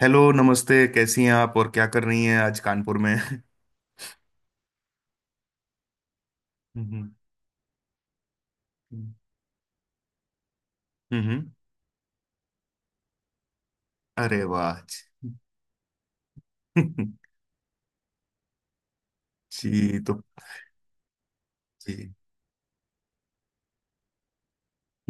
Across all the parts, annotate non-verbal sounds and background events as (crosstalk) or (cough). Hello, नमस्ते। कैसी हैं आप और क्या कर रही हैं आज कानपुर में? (laughs) हम्म। हम्म। अरे वाह जी। (laughs) जी। तो जी,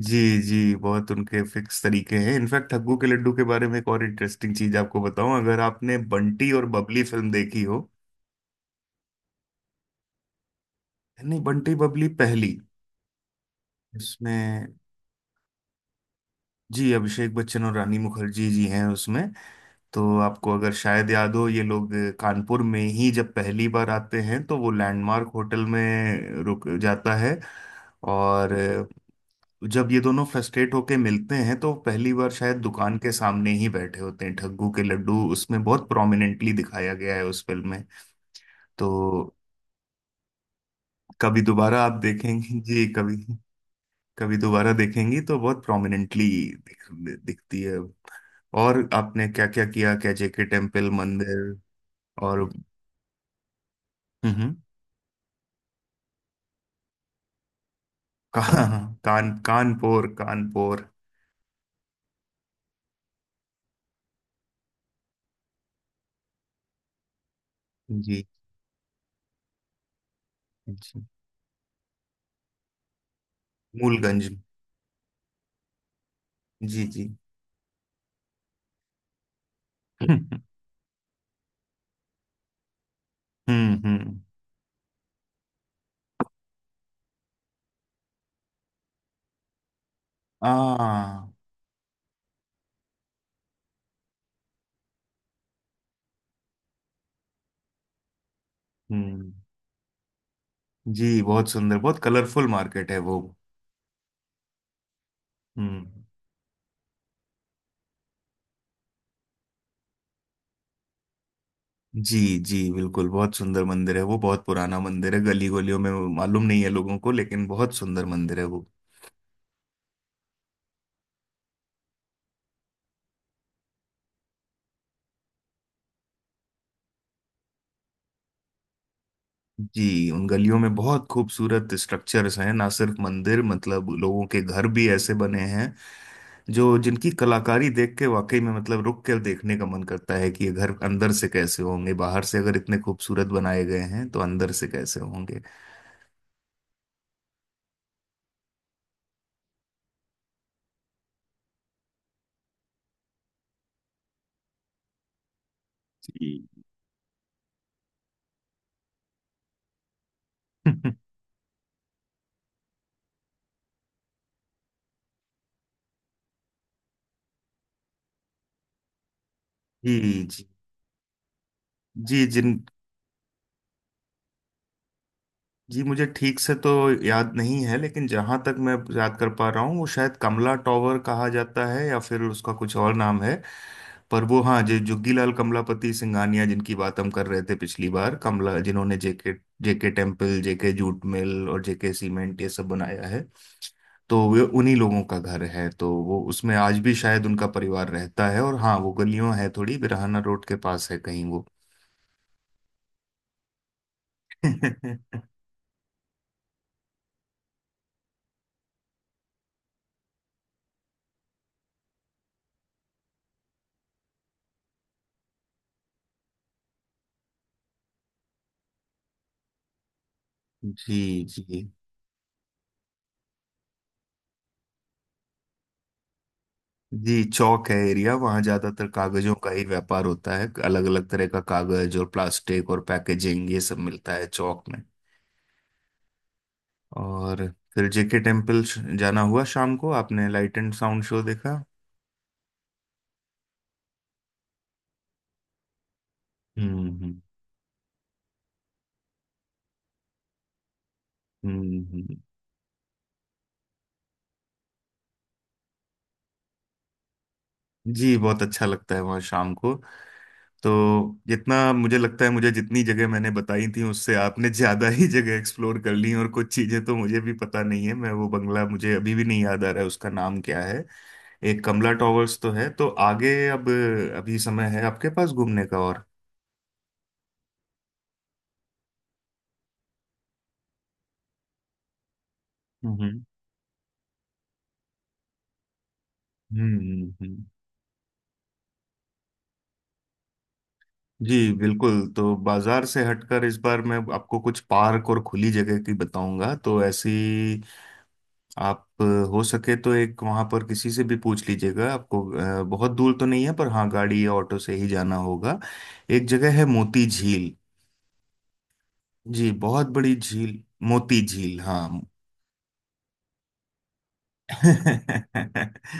जी, जी बहुत उनके फिक्स तरीके हैं। इनफैक्ट, ठग्गू के लड्डू के बारे में एक और इंटरेस्टिंग चीज आपको बताऊं, अगर आपने बंटी और बबली फिल्म देखी हो। नहीं, बंटी बबली पहली। उसमें जी अभिषेक बच्चन और रानी मुखर्जी जी हैं उसमें। तो आपको अगर शायद याद हो, ये लोग कानपुर में ही जब पहली बार आते हैं तो वो लैंडमार्क होटल में रुक जाता है। और जब ये दोनों फ्रस्ट्रेट होके मिलते हैं तो पहली बार शायद दुकान के सामने ही बैठे होते हैं, ठग्गू के लड्डू उसमें बहुत प्रोमिनेंटली दिखाया गया है उस फिल्म में। तो कभी दोबारा आप देखेंगे जी। कभी कभी दोबारा देखेंगी तो बहुत प्रोमिनेंटली दिख, दिखती है। और आपने क्या क्या किया, कैजे के टेम्पल मंदिर? और हम्म हम्म। कान कान कानपुर कानपुर। जी जी। मूलगंज। जी जी। (laughs) हम्म। हम्म। आ। हम्म। जी बहुत सुंदर, बहुत कलरफुल मार्केट है वो। हम्म। जी जी बिल्कुल, बहुत सुंदर मंदिर है वो, बहुत पुराना मंदिर है गली गलियों में। मालूम नहीं है लोगों को, लेकिन बहुत सुंदर मंदिर है वो। जी, उन गलियों में बहुत खूबसूरत स्ट्रक्चर्स हैं, ना सिर्फ मंदिर, मतलब लोगों के घर भी ऐसे बने हैं जो जिनकी कलाकारी देख के वाकई में, मतलब रुक के देखने का मन करता है कि ये घर अंदर से कैसे होंगे। बाहर से अगर इतने खूबसूरत बनाए गए हैं तो अंदर से कैसे होंगे। जी। (laughs) जी जी जी। जिन जी मुझे ठीक से तो याद नहीं है, लेकिन जहां तक मैं याद कर पा रहा हूँ, वो शायद कमला टॉवर कहा जाता है या फिर उसका कुछ और नाम है। पर वो, हाँ, जो जुग्गीलाल कमलापति सिंघानिया जिनकी बात हम कर रहे थे पिछली बार, कमला जिन्होंने JK JK temple, JK jute mill और जेके सीमेंट ये सब बनाया है। तो वे उन्हीं लोगों का घर है, तो वो उसमें आज भी शायद उनका परिवार रहता है। और हाँ, वो गलियों है थोड़ी बिरहाना रोड के पास है कहीं वो। (laughs) जी जी जी। चौक है एरिया, वहाँ ज्यादातर कागजों का ही व्यापार होता है, अलग अलग तरह का कागज और प्लास्टिक और पैकेजिंग ये सब मिलता है चौक में। और फिर जेके टेम्पल जाना हुआ शाम को। आपने लाइट एंड साउंड शो देखा। हम्म। हम्म, हम्म। जी बहुत अच्छा लगता है वहाँ शाम को। तो जितना मुझे लगता है, मुझे जितनी जगह मैंने बताई थी उससे आपने ज्यादा ही जगह एक्सप्लोर कर ली, और कुछ चीजें तो मुझे भी पता नहीं है। मैं वो बंगला मुझे अभी भी नहीं याद आ रहा है, उसका नाम क्या है। एक कमला टॉवर्स तो है, तो आगे अब अभी समय है आपके पास घूमने का और। हम्म हम्म। जी बिल्कुल। तो बाजार से हटकर इस बार मैं आपको कुछ पार्क और खुली जगह की बताऊंगा। तो ऐसी आप हो सके तो एक वहां पर किसी से भी पूछ लीजिएगा आपको। बहुत दूर तो नहीं है, पर हाँ गाड़ी या ऑटो से ही जाना होगा। एक जगह है मोती झील। जी बहुत बड़ी झील। मोती झील हाँ। (laughs)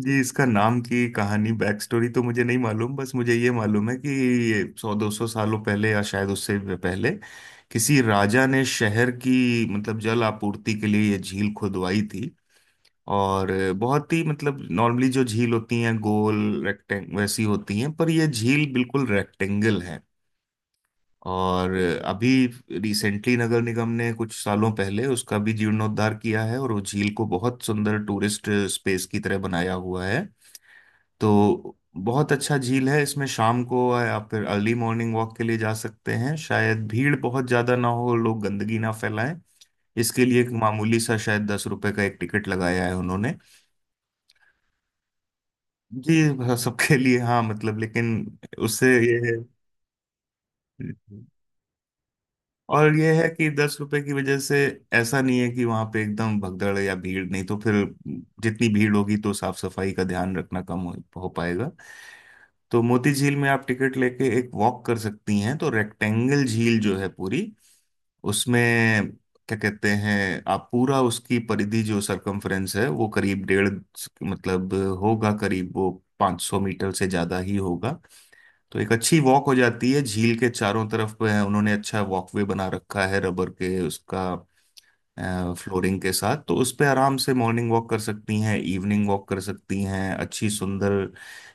जी इसका नाम की कहानी, बैक स्टोरी तो मुझे नहीं मालूम, बस मुझे ये मालूम है कि ये 100-200 सालों पहले या शायद उससे भी पहले किसी राजा ने शहर की, मतलब जल आपूर्ति के लिए ये झील खुदवाई थी। और बहुत ही, मतलब नॉर्मली जो झील होती हैं गोल, रेक्टेंग वैसी होती हैं, पर ये झील बिल्कुल रेक्टेंगल है। और अभी रिसेंटली नगर निगम ने कुछ सालों पहले उसका भी जीर्णोद्धार किया है, और वो झील को बहुत सुंदर टूरिस्ट स्पेस की तरह बनाया हुआ है। तो बहुत अच्छा झील है। इसमें शाम को आप, फिर अर्ली मॉर्निंग वॉक के लिए जा सकते हैं। शायद भीड़ बहुत ज्यादा ना हो, लोग गंदगी ना फैलाएं, इसके लिए एक मामूली सा शायद 10 रुपए का एक टिकट लगाया है उन्होंने। ये सबके लिए, हाँ मतलब लेकिन उससे ये है। और ये है कि 10 रुपए की वजह से ऐसा नहीं है कि वहां पे एकदम भगदड़ है या भीड़ नहीं, तो फिर जितनी भीड़ होगी तो साफ सफाई का ध्यान रखना कम हो पाएगा। तो मोती झील में आप टिकट लेके एक वॉक कर सकती हैं। तो रेक्टेंगल झील जो है पूरी उसमें, क्या कहते हैं आप, पूरा उसकी परिधि जो सरकमफ्रेंस है वो करीब डेढ़, मतलब होगा करीब वो 500 मीटर से ज्यादा ही होगा। तो एक अच्छी वॉक हो जाती है झील के चारों तरफ पे है। उन्होंने अच्छा वॉकवे बना रखा है रबर के उसका फ्लोरिंग के साथ। तो उस पे आराम से मॉर्निंग वॉक कर सकती हैं, इवनिंग वॉक कर सकती हैं, अच्छी सुंदर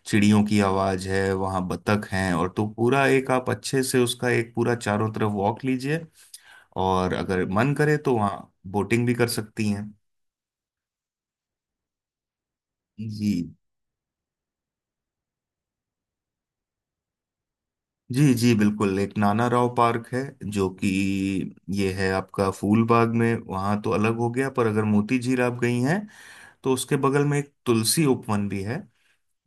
चिड़ियों की आवाज़ है वहाँ, बतख हैं, और तो पूरा एक आप अच्छे से उसका एक पूरा चारों तरफ वॉक लीजिए। और अगर मन करे तो वहाँ बोटिंग भी कर सकती हैं। जी जी जी बिल्कुल, एक नाना राव पार्क है, जो कि ये है आपका फूलबाग में, वहाँ तो अलग हो गया, पर अगर मोती झील आप गई हैं तो उसके बगल में एक तुलसी उपवन भी है,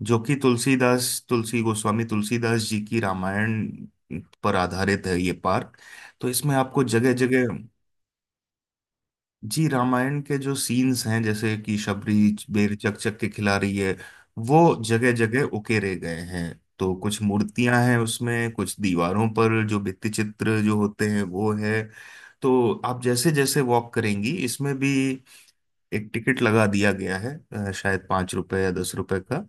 जो कि तुलसीदास, तुलसी गोस्वामी तुलसीदास जी की रामायण पर आधारित है ये पार्क। तो इसमें आपको जगह जगह, जी रामायण के जो सीन्स हैं, जैसे कि शबरी बेर चकचक के खिला रही है, वो जगह जगह उकेरे गए हैं। तो कुछ मूर्तियां हैं उसमें, कुछ दीवारों पर जो भित्ति चित्र जो होते हैं वो है। तो आप जैसे जैसे वॉक करेंगी, इसमें भी एक टिकट लगा दिया गया है, शायद 5 रुपए या 10 रुपए का।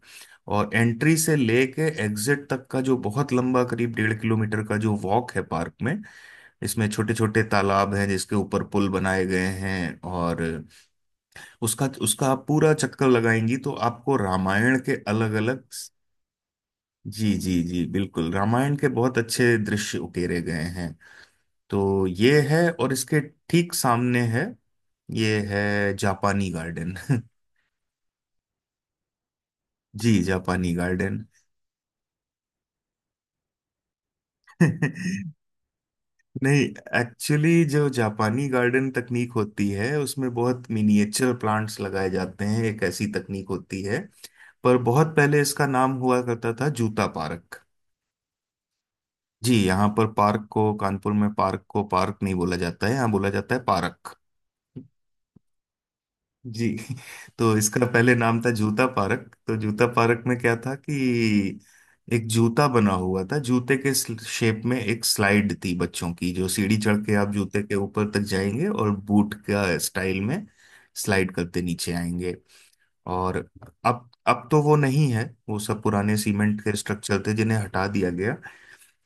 और एंट्री से लेके एग्जिट तक का जो बहुत लंबा करीब 1.5 किलोमीटर का जो वॉक है पार्क में, इसमें छोटे छोटे तालाब हैं जिसके ऊपर पुल बनाए गए हैं। और उसका उसका आप पूरा चक्कर लगाएंगी तो आपको रामायण के अलग अलग। जी जी जी बिल्कुल, रामायण के बहुत अच्छे दृश्य उकेरे गए हैं। तो ये है, और इसके ठीक सामने है, ये है जापानी गार्डन। (laughs) जी जापानी गार्डन। (laughs) नहीं, एक्चुअली जो जापानी गार्डन तकनीक होती है उसमें बहुत मिनिएचर प्लांट्स लगाए जाते हैं, एक ऐसी तकनीक होती है। पर बहुत पहले इसका नाम हुआ करता था जूता पार्क। जी, यहाँ पर पार्क को, कानपुर में पार्क को पार्क नहीं बोला जाता है, यहाँ बोला जाता है पार्क। जी। (laughs) तो इसका पहले नाम था जूता पार्क। तो जूता पार्क में क्या था कि एक जूता बना हुआ था, जूते के शेप में एक स्लाइड थी बच्चों की, जो सीढ़ी चढ़ के आप जूते के ऊपर तक जाएंगे, और बूट का स्टाइल में स्लाइड करते नीचे आएंगे। और अब तो वो नहीं है। वो सब पुराने सीमेंट के स्ट्रक्चर थे जिन्हें हटा दिया गया,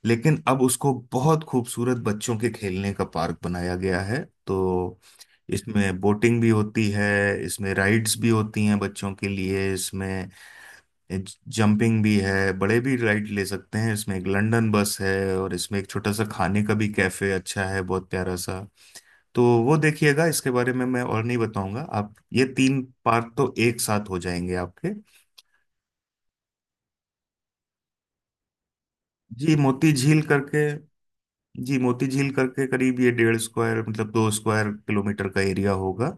लेकिन अब उसको बहुत खूबसूरत बच्चों के खेलने का पार्क बनाया गया है। तो इसमें बोटिंग भी होती है, इसमें राइड्स भी होती हैं बच्चों के लिए, इसमें जंपिंग भी है, बड़े भी राइड ले सकते हैं इसमें। एक लंदन बस है, और इसमें एक छोटा सा खाने का भी कैफे अच्छा है, बहुत प्यारा सा। तो वो देखिएगा, इसके बारे में मैं और नहीं बताऊंगा। आप ये तीन पार्क तो एक साथ हो जाएंगे आपके। जी मोती झील करके जी मोती झील करके करीब ये 1.5 स्क्वायर, मतलब 2 स्क्वायर किलोमीटर का एरिया होगा।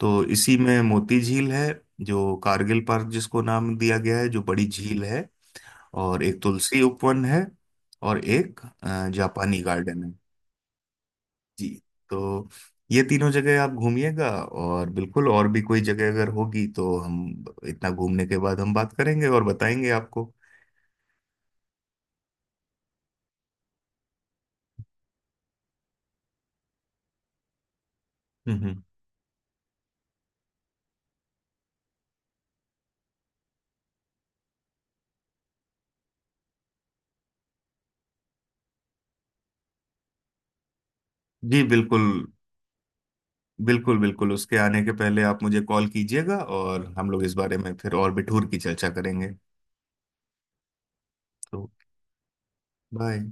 तो इसी में मोती झील है, जो कारगिल पार्क जिसको नाम दिया गया है, जो बड़ी झील है। और एक तुलसी उपवन है। और एक जापानी गार्डन है। जी। तो ये तीनों जगह आप घूमिएगा, और बिल्कुल और भी कोई जगह अगर होगी तो हम इतना घूमने के बाद हम बात करेंगे और बताएंगे आपको। हम्म हम्म। जी बिल्कुल बिल्कुल बिल्कुल उसके आने के पहले आप मुझे कॉल कीजिएगा, और हम लोग इस बारे में फिर और भी ठूर की चर्चा करेंगे। तो बाय।